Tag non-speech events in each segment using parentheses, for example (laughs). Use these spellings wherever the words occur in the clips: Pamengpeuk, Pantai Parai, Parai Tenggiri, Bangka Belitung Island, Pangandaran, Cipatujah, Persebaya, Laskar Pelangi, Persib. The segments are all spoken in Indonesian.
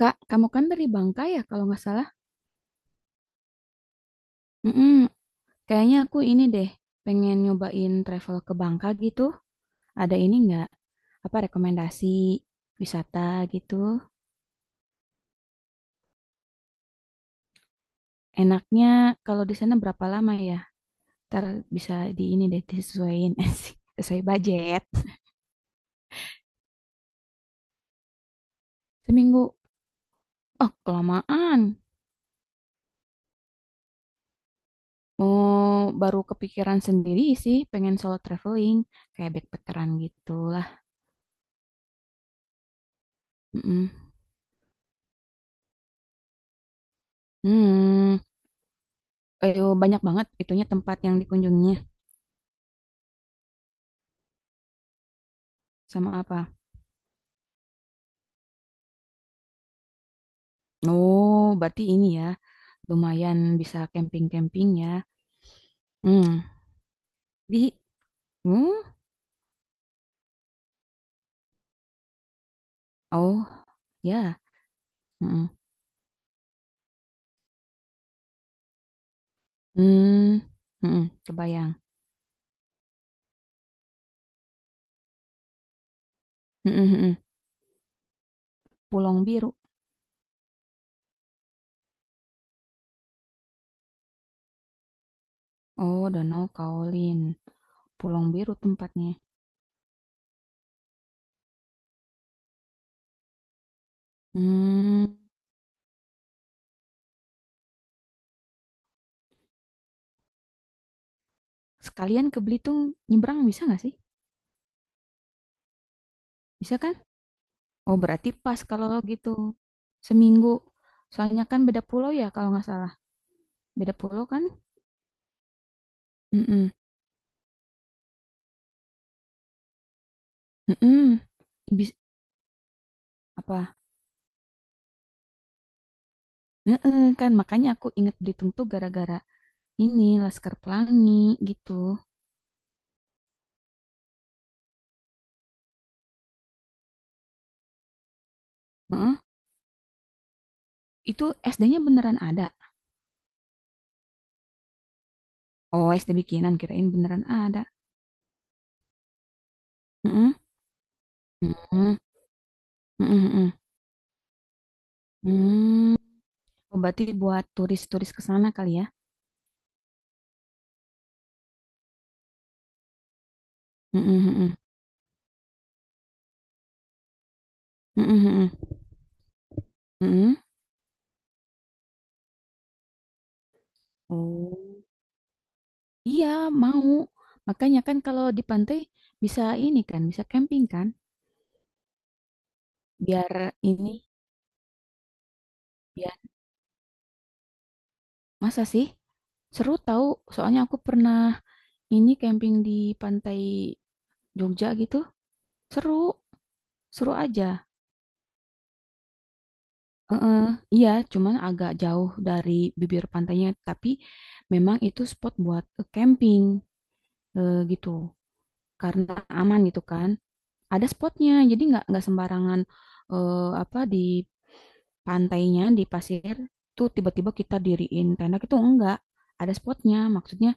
Kak, kamu kan dari Bangka ya kalau nggak salah? Mm-mm. Kayaknya aku ini deh, pengen nyobain travel ke Bangka gitu. Ada ini nggak? Apa rekomendasi wisata gitu? Enaknya kalau di sana berapa lama ya? Ntar bisa di ini deh disesuaiin (laughs) sih, sesuai budget. Seminggu. Oh, kelamaan. Mau Baru kepikiran sendiri sih, pengen solo traveling, kayak backpackeran gitu lah. Mm-mm. Hmm, eh, banyak banget itunya tempat yang dikunjungi. Sama apa? Oh, berarti ini ya, lumayan bisa camping-camping ya. Mmm, di mmm, oh, ya, mhm, mmm, mhm, kebayang, mhm mhm, Pulang Biru, oh, Danau Kaolin, pulau Biru tempatnya, mmm, sekalian ke Belitung nyebrang bisa nggak sih? Bisa kan? Oh, berarti pas kalau gitu, seminggu, soalnya kan beda pulau ya kalau nggak salah, beda pulau kan? Mhm mhm. bis Apa? Heeh, kan makanya aku inget Belitung tuh gara-gara ini Laskar Pelangi gitu. Heeh. Itu SD-nya beneran ada. Oh, SD bikinan kirain beneran ada. Heeh. Heeh. Heeh, heeh. Hmm. Oh, berarti buat turis-turis ke sana kali ya. Heeh, heeh. Heeh, heeh. Heeh. Oh. Iya, mau. Makanya kan kalau di pantai bisa ini kan, bisa camping kan? Biar ini biar masa sih? Seru tahu, soalnya aku pernah ini camping di pantai Jogja gitu, seru, seru aja. Heeh, iya, cuman agak jauh dari bibir pantainya, tapi memang itu spot buat camping gitu, karena aman gitu kan. Ada spotnya, jadi nggak sembarangan apa di pantainya di pasir tuh tiba-tiba kita diriin tenda itu enggak. Ada spotnya, maksudnya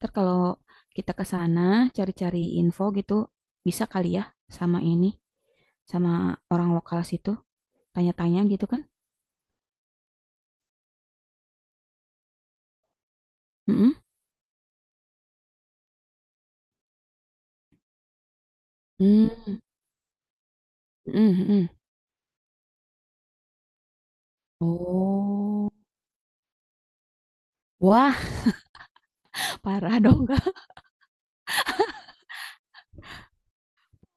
ntar kalau kita ke sana cari-cari info gitu, bisa kali ya sama ini, sama orang lokal situ, tanya-tanya gitu kan? Mm-mm. Hmm, mm-mm, mm. Oh, wah parah dong, (laughs)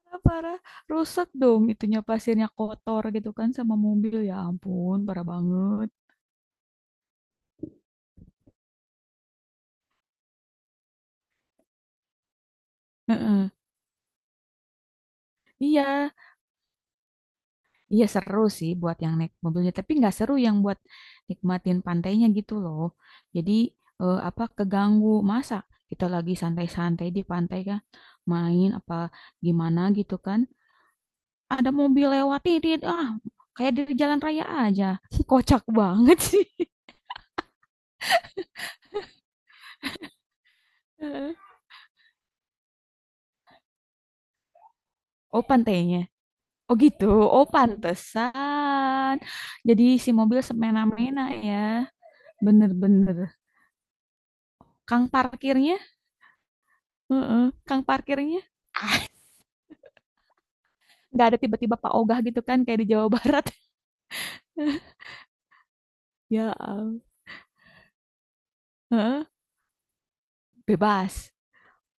gak parah, rusak dong itunya pasirnya kotor gitu kan sama mobil ya ampun parah banget. Heeh. Iya, iya seru sih buat yang naik mobilnya, tapi nggak seru yang buat nikmatin pantainya gitu loh. Jadi, apa, keganggu. Masa kita lagi santai-santai di pantai kan, main apa gimana gitu kan, ada mobil lewat, "Tidit," ah, kayak di jalan raya aja. (laughs) Kocak banget sih. (laughs) Heeh. Oh pantainya? Oh gitu? Oh pantesan. Jadi si mobil semena-mena ya. Bener bener. Kang parkirnya? Heeh, kang parkirnya? (laughs) Nggak ada tiba-tiba Pak Ogah gitu kan kayak di Jawa Barat. (laughs) Ya am- bebas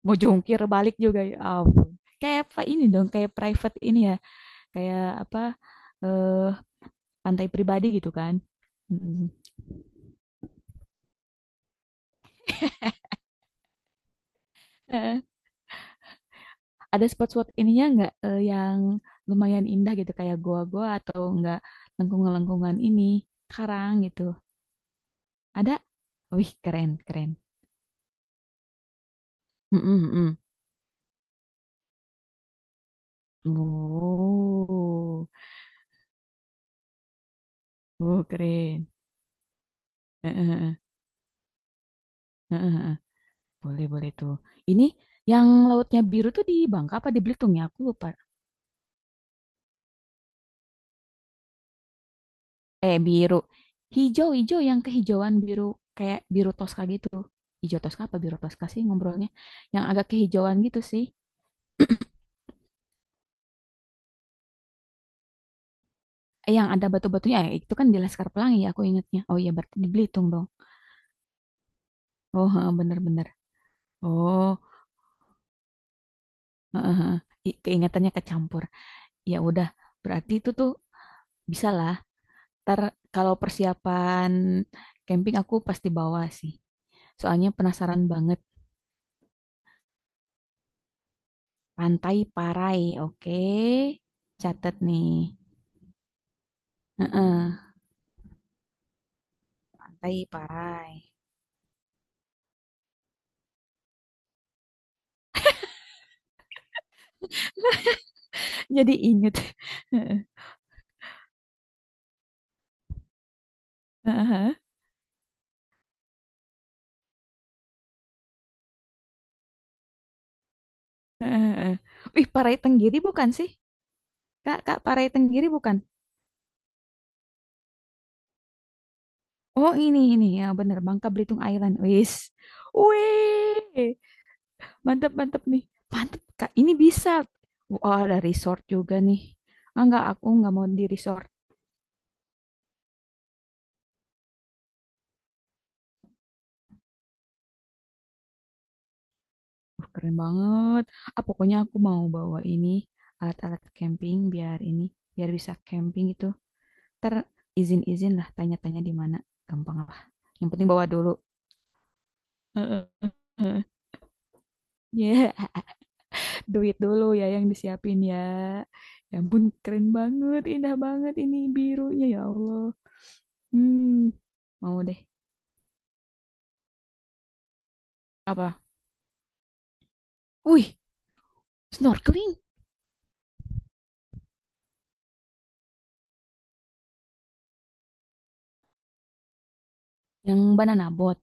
mau jungkir balik juga ya ampun kayak apa ini dong kayak private ini ya kayak apa eh pantai pribadi gitu kan, mm. Eh, ada spot-spot ininya nggak yang lumayan indah gitu kayak goa-goa atau nggak lengkungan-lengkungan ini karang gitu, ada wih keren keren. Mm-mm, mm. Oh, oh, keren. Heeh, heeh, heeh, heeh. Boleh boleh tuh. Ini yang lautnya biru tuh di Bangka apa di Belitung ya? Aku lupa. Eh biru. Hijau-hijau yang kehijauan biru kayak biru toska gitu. Hijau toska apa biru toska sih ngobrolnya? Yang agak kehijauan gitu sih. Eh yang ada batu-batunya itu kan di Laskar Pelangi ya aku ingatnya. Oh iya berarti di Belitung dong. Oh heeh, bener-bener. Oh heeh, heeh. I- keingatannya kecampur. Ya udah berarti itu tuh bisa lah. Ntar kalau persiapan camping aku pasti bawa sih. Soalnya penasaran banget. Pantai Parai, oke. Catet nih. Heeh, Pantai Parai. (laughs) Jadi inget. Heeh, heeh, heeh, heeh. Ih, Parai Tenggiri bukan sih? Kak, Kak, Parai Tenggiri bukan? Oh, ini, ini. Ya, bener. Bangka Belitung Island. Wis. Wih, mantep, mantep nih. Mantep, Kak. Ini bisa. Wah, ada resort juga nih. Ah, enggak, aku nggak mau di resort. Wah, keren banget. Ah, pokoknya aku mau bawa ini alat-alat camping biar ini biar bisa camping gitu. Ter Izin-izin lah tanya-tanya di mana gampang lah. Yang penting bawa dulu. Heeh, heeh. Ya, (laughs) duit dulu ya yang disiapin ya. Ya ampun, keren banget, indah banget ini birunya ya Allah. Hmm, mau deh. Apa? Wih, snorkeling yang banana boat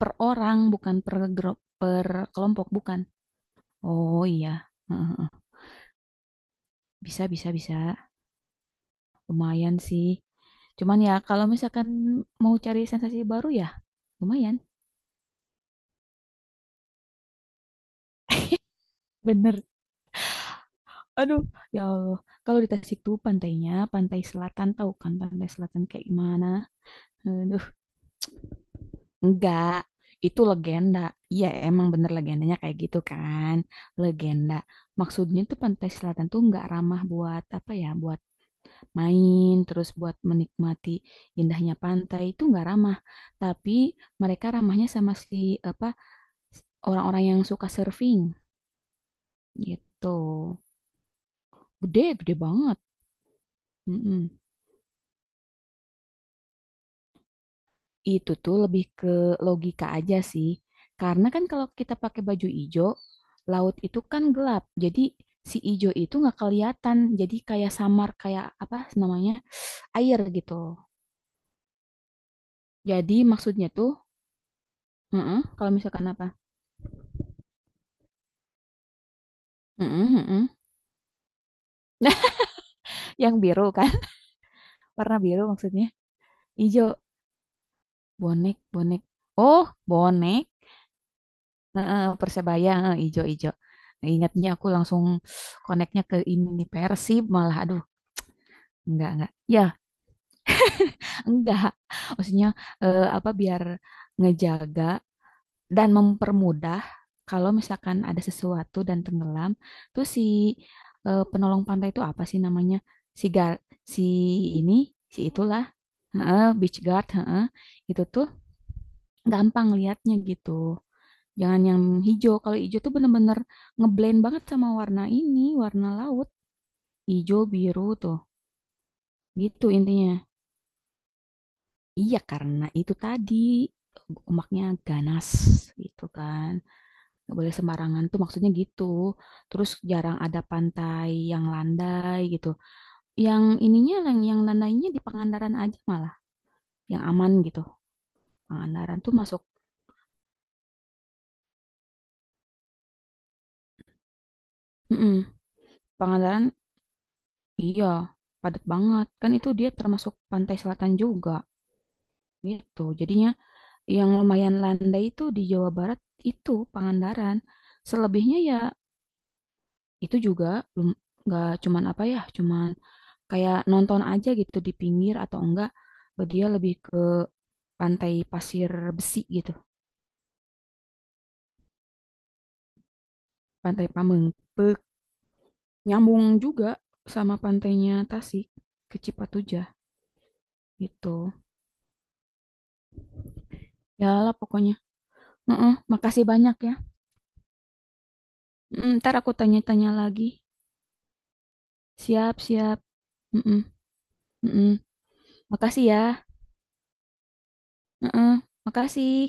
per orang bukan per grup per kelompok bukan. Oh iya. Heeh. Bisa bisa bisa. Lumayan sih. Cuman ya kalau misalkan mau cari sensasi baru ya lumayan. Bener. Aduh, ya Allah. Kalau di Tasik tuh pantainya, pantai selatan tahu kan pantai selatan kayak gimana? Aduh, enggak. Itu legenda. Iya, emang bener legendanya kayak gitu kan. Legenda. Maksudnya tuh pantai selatan tuh enggak ramah buat apa ya, buat main, terus buat menikmati indahnya pantai itu enggak ramah. Tapi mereka ramahnya sama si apa orang-orang yang suka surfing, gitu. Gede, gede banget, mhm. Itu tuh lebih ke logika aja sih, karena kan kalau kita pakai baju ijo, laut itu kan gelap, jadi si ijo itu nggak kelihatan, jadi kayak samar, kayak apa namanya, air gitu. Jadi maksudnya tuh heeh, kalau misalkan apa? Mhm mhm. Nah, (laughs) yang biru kan, warna biru maksudnya, ijo, bonek bonek. Oh, bonek? Heeh, Persebaya, heeh, ijo-ijo. Ingatnya aku langsung koneknya ke ini nih, Persib malah aduh enggak enggak. Ya, enggak. Maksudnya apa biar ngejaga dan mempermudah kalau misalkan ada sesuatu dan tenggelam, tuh si penolong pantai itu apa sih namanya? Si gar Si ini, si itulah, heeh, beach guard, heeh. Itu tuh gampang liatnya gitu. Jangan yang hijau. Kalau hijau tuh bener-bener ngeblend banget sama warna ini, warna laut. Hijau, biru tuh. Gitu intinya. Iya, karena itu tadi omaknya ganas gitu kan. Gak boleh sembarangan tuh maksudnya gitu. Terus jarang ada pantai yang landai gitu. Yang ininya yang, landainya di Pangandaran aja malah, yang aman gitu. Pangandaran tuh masuk mm-mm. Pangandaran iya, padat banget. Kan itu dia termasuk pantai selatan juga gitu. Jadinya yang lumayan landai itu di Jawa Barat itu Pangandaran. Selebihnya ya itu juga belum nggak cuman apa ya, cuman kayak nonton aja gitu di pinggir atau enggak dia lebih ke pantai pasir besi gitu, pantai Pamengpeuk. Nyambung juga sama pantainya Tasik ke Cipatujah gitu. Ya lah pokoknya. Heeh, makasih banyak ya. Mm, ntar aku tanya-tanya lagi. Siap, siap. Mm-mm, mm-mm. Makasih ya. Heeh, makasih.